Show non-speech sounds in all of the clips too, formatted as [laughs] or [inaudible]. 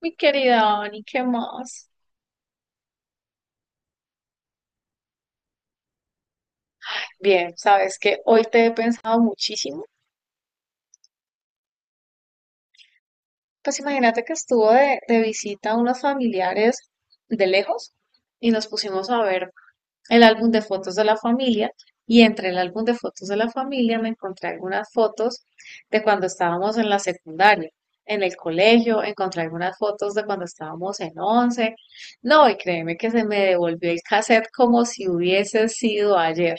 Mi querida Dani, ¿qué más? Bien, sabes que hoy te he pensado muchísimo. Pues imagínate que estuvo de visita unos familiares de lejos y nos pusimos a ver el álbum de fotos de la familia y entre el álbum de fotos de la familia me encontré algunas fotos de cuando estábamos en la secundaria, en el colegio, encontré algunas fotos de cuando estábamos en once. No, y créeme que se me devolvió el cassette como si hubiese sido ayer.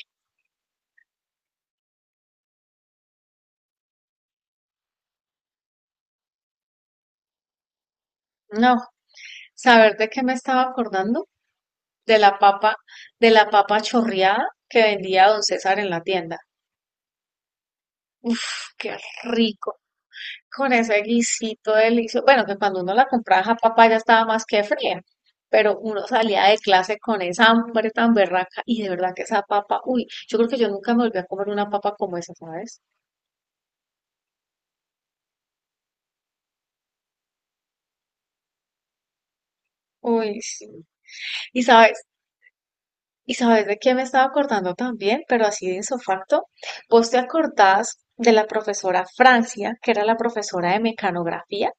No, ¿saber de qué me estaba acordando? De la papa, de la papa chorreada que vendía don César en la tienda. Uf, qué rico. Con ese guisito delicioso. Bueno, que cuando uno la compraba, esa papa ya estaba más que fría. Pero uno salía de clase con esa hambre tan berraca y de verdad que esa papa, uy, yo creo que yo nunca me volví a comer una papa como esa, ¿sabes? Uy, sí. Y sabes, ¿y sabes de qué me estaba acordando también? Pero así de insofacto. ¿Vos te acordás de la profesora Francia, que era la profesora de mecanografía?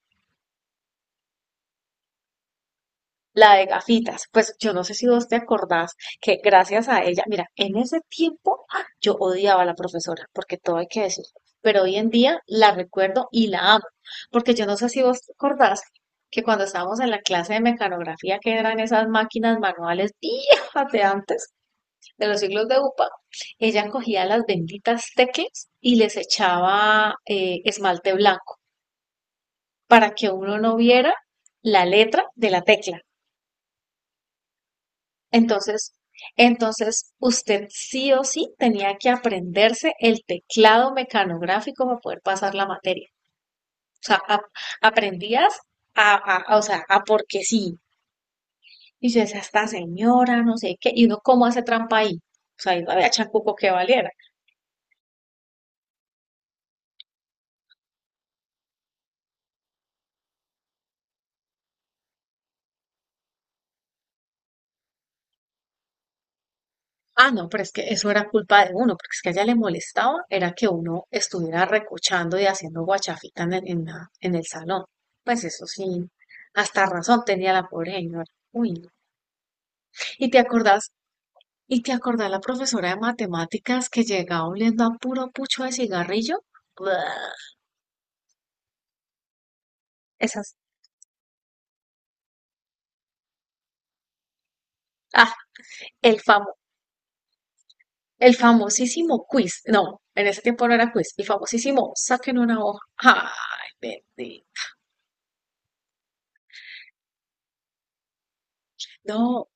La de gafitas. Pues yo no sé si vos te acordás que gracias a ella, mira, en ese tiempo ¡ah! Yo odiaba a la profesora, porque todo hay que decirlo. Pero hoy en día la recuerdo y la amo. Porque yo no sé si vos te acordás que cuando estábamos en la clase de mecanografía, que eran esas máquinas manuales viejas de antes, de los siglos de UPA, ella cogía las benditas teclas y les echaba esmalte blanco para que uno no viera la letra de la tecla. Entonces, entonces, usted sí o sí tenía que aprenderse el teclado mecanográfico para poder pasar la materia. O sea, aprendías o sea, a porque sí. Y yo decía, esta señora, no sé qué, y uno cómo hace trampa ahí. O sea, y no había chancuco que valiera. Ah, no, pero es que eso era culpa de uno, porque es que a ella le molestaba, era que uno estuviera recochando y haciendo guachafita en en el salón. Pues eso sí, hasta razón tenía la pobre señora. Uy, no. ¿Y te acordás? ¿Y te acordás la profesora de matemáticas que llegaba oliendo a puro pucho de cigarrillo? Buah, esas. Ah, el famo, el famosísimo quiz. No, en ese tiempo no era quiz, el famosísimo saquen una hoja. Ay, bendito. No,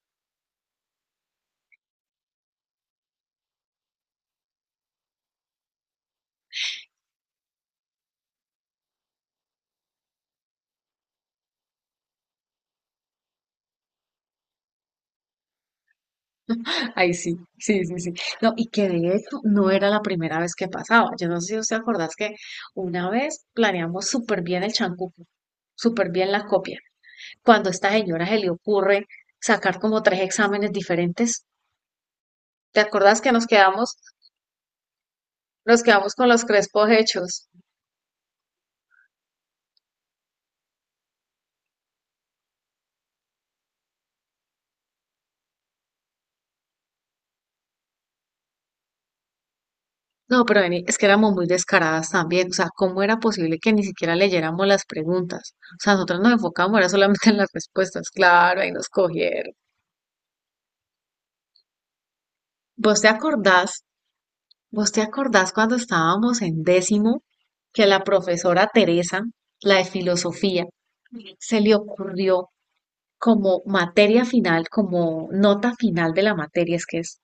ay, sí, sí, sí, sí. No, y que de hecho no era la primera vez que pasaba. Yo no sé si usted acordás que una vez planeamos súper bien el chancuco, súper bien la copia, cuando a esta señora se le ocurre sacar como tres exámenes diferentes. ¿Te acordás que nos quedamos con los crespos hechos? No, pero vení, es que éramos muy descaradas también. O sea, ¿cómo era posible que ni siquiera leyéramos las preguntas? O sea, nosotros nos enfocábamos, era solamente en las respuestas. Claro, ahí nos cogieron. ¿Vos te acordás? ¿Vos te acordás cuando estábamos en décimo que la profesora Teresa, la de filosofía, se le ocurrió como materia final, como nota final de la materia, es que es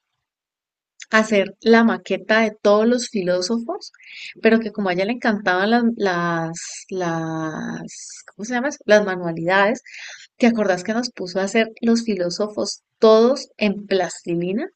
hacer la maqueta de todos los filósofos, pero que como a ella le encantaban ¿cómo se llama eso? Las manualidades, ¿te acordás que nos puso a hacer los filósofos todos en plastilina?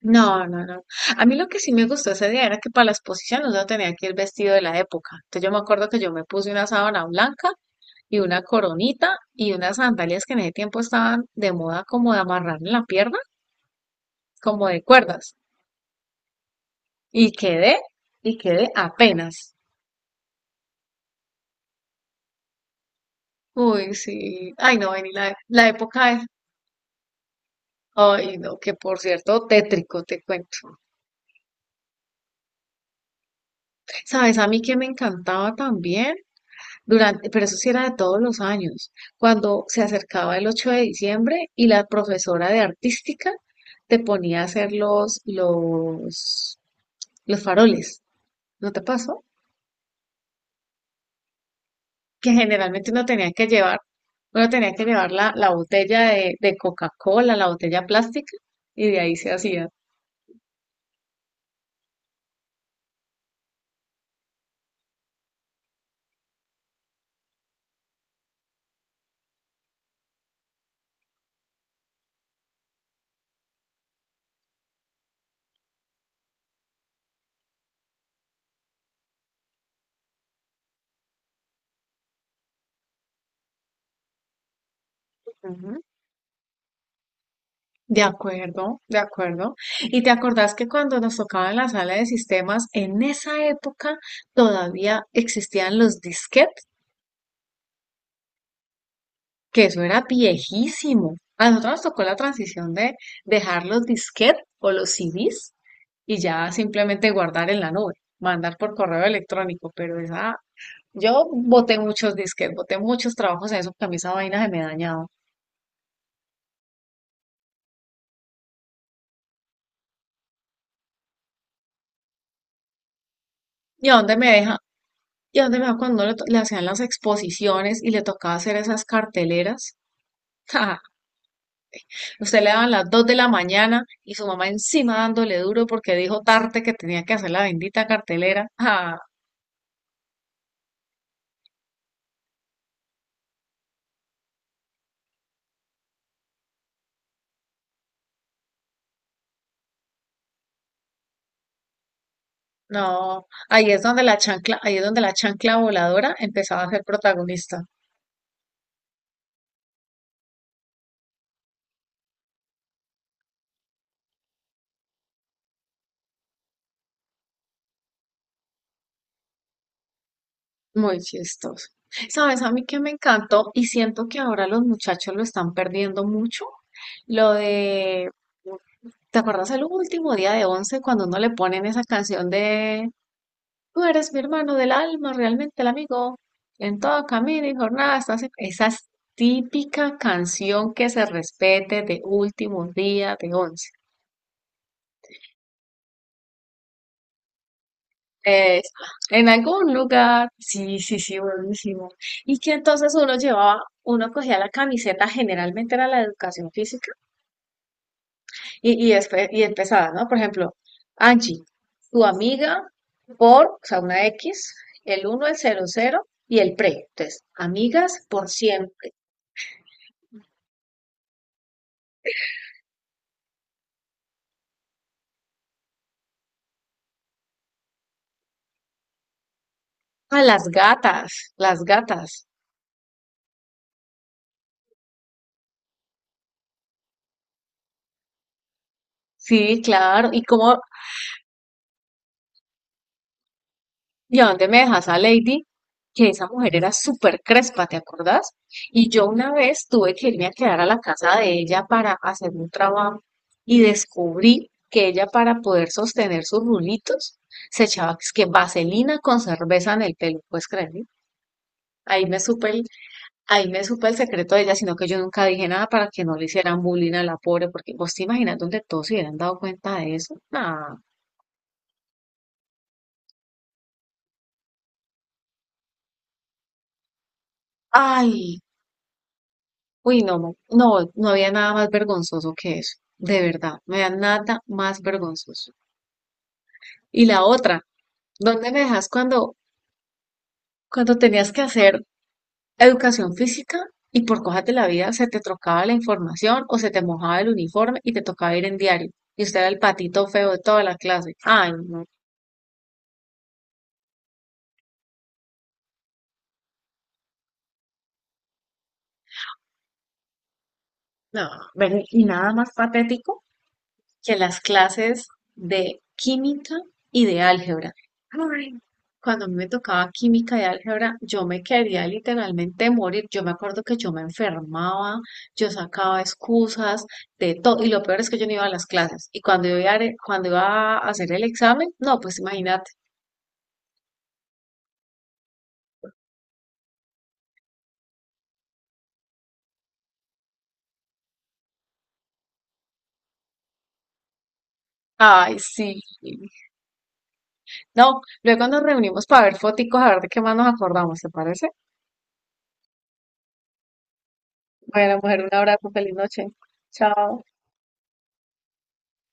No, no, no. A mí lo que sí me gustó ese día era que para las posiciones uno tenía que ir vestido de la época. Entonces yo me acuerdo que yo me puse una sábana blanca y una coronita y unas sandalias que en ese tiempo estaban de moda como de amarrar en la pierna, como de cuerdas. Y quedé, y quedé apenas. Uy, sí. Ay, no, vení, la época de... Ay, no, que por cierto, tétrico, te cuento. ¿Sabes? A mí que me encantaba también. Durante, pero eso sí era de todos los años, cuando se acercaba el 8 de diciembre y la profesora de artística te ponía a hacer los faroles. ¿No te pasó? Que generalmente uno tenía que llevar la botella de Coca-Cola, la botella plástica, y de ahí se hacía. De acuerdo, de acuerdo. ¿Y te acordás que cuando nos tocaba en la sala de sistemas, en esa época todavía existían los disquetes? Que eso era viejísimo. A nosotros nos tocó la transición de dejar los disquetes o los CDs y ya simplemente guardar en la nube, mandar por correo electrónico. Pero esa, yo boté muchos disquetes, boté muchos trabajos en eso porque a mí esa vaina se me dañaba. ¿Y a dónde me deja? ¿Y a dónde me va cuando le, le hacían las exposiciones y le tocaba hacer esas carteleras? [laughs] Ja, usted le daban las 2 de la mañana y su mamá encima dándole duro porque dijo tarde que tenía que hacer la bendita cartelera. Ah, no, ahí es donde la chancla voladora empezaba a ser protagonista. Muy chistoso. ¿Sabes? A mí que me encantó y siento que ahora los muchachos lo están perdiendo mucho. Lo de, ¿te acuerdas el último día de once cuando uno le ponen esa canción de "Tú eres mi hermano del alma, realmente el amigo. En todo camino y jornada estás". En-, esa es típica canción que se respete de último día de once. Es-, en algún lugar, sí, sí, sí, buenísimo. Y que entonces uno llevaba, uno cogía la camiseta, generalmente era la de educación física, y después, y empezaba, ¿no? Por ejemplo, Angie, tu amiga por, o sea, una X, el uno el cero cero y el pre. Entonces, amigas por siempre. Ah, las gatas, las gatas. Sí, claro. ¿Y cómo, y a dónde me dejas a Lady? Que esa mujer era súper crespa, ¿te acordás? Y yo una vez tuve que irme a quedar a la casa de ella para hacer un trabajo y descubrí que ella para poder sostener sus rulitos se echaba es que vaselina con cerveza en el pelo, ¿puedes creerlo? Ahí me supe el, ahí me supe el secreto de ella, sino que yo nunca dije nada para que no le hicieran bullying a la pobre, porque vos te imaginas donde todos se hubieran dado cuenta de eso. Nah. Ay, uy, no, no, no había nada más vergonzoso que eso, de verdad, no había nada más vergonzoso. Y la otra, ¿dónde me dejas cuando tenías que hacer educación física y por cosas de la vida se te trocaba la información o se te mojaba el uniforme y te tocaba ir en diario? Y usted era el patito feo de toda la clase. Ay, no, no, ven, y nada más patético que las clases de química y de álgebra. Ay, cuando a mí me tocaba química y álgebra, yo me quería literalmente morir. Yo me acuerdo que yo me enfermaba, yo sacaba excusas de todo. Y lo peor es que yo no iba a las clases. Y cuando cuando iba a hacer el examen, no, pues imagínate. Ay, sí. No, luego nos reunimos para ver foticos, a ver de qué más nos acordamos, ¿te parece? Bueno, mujer, un abrazo, feliz noche. Chao.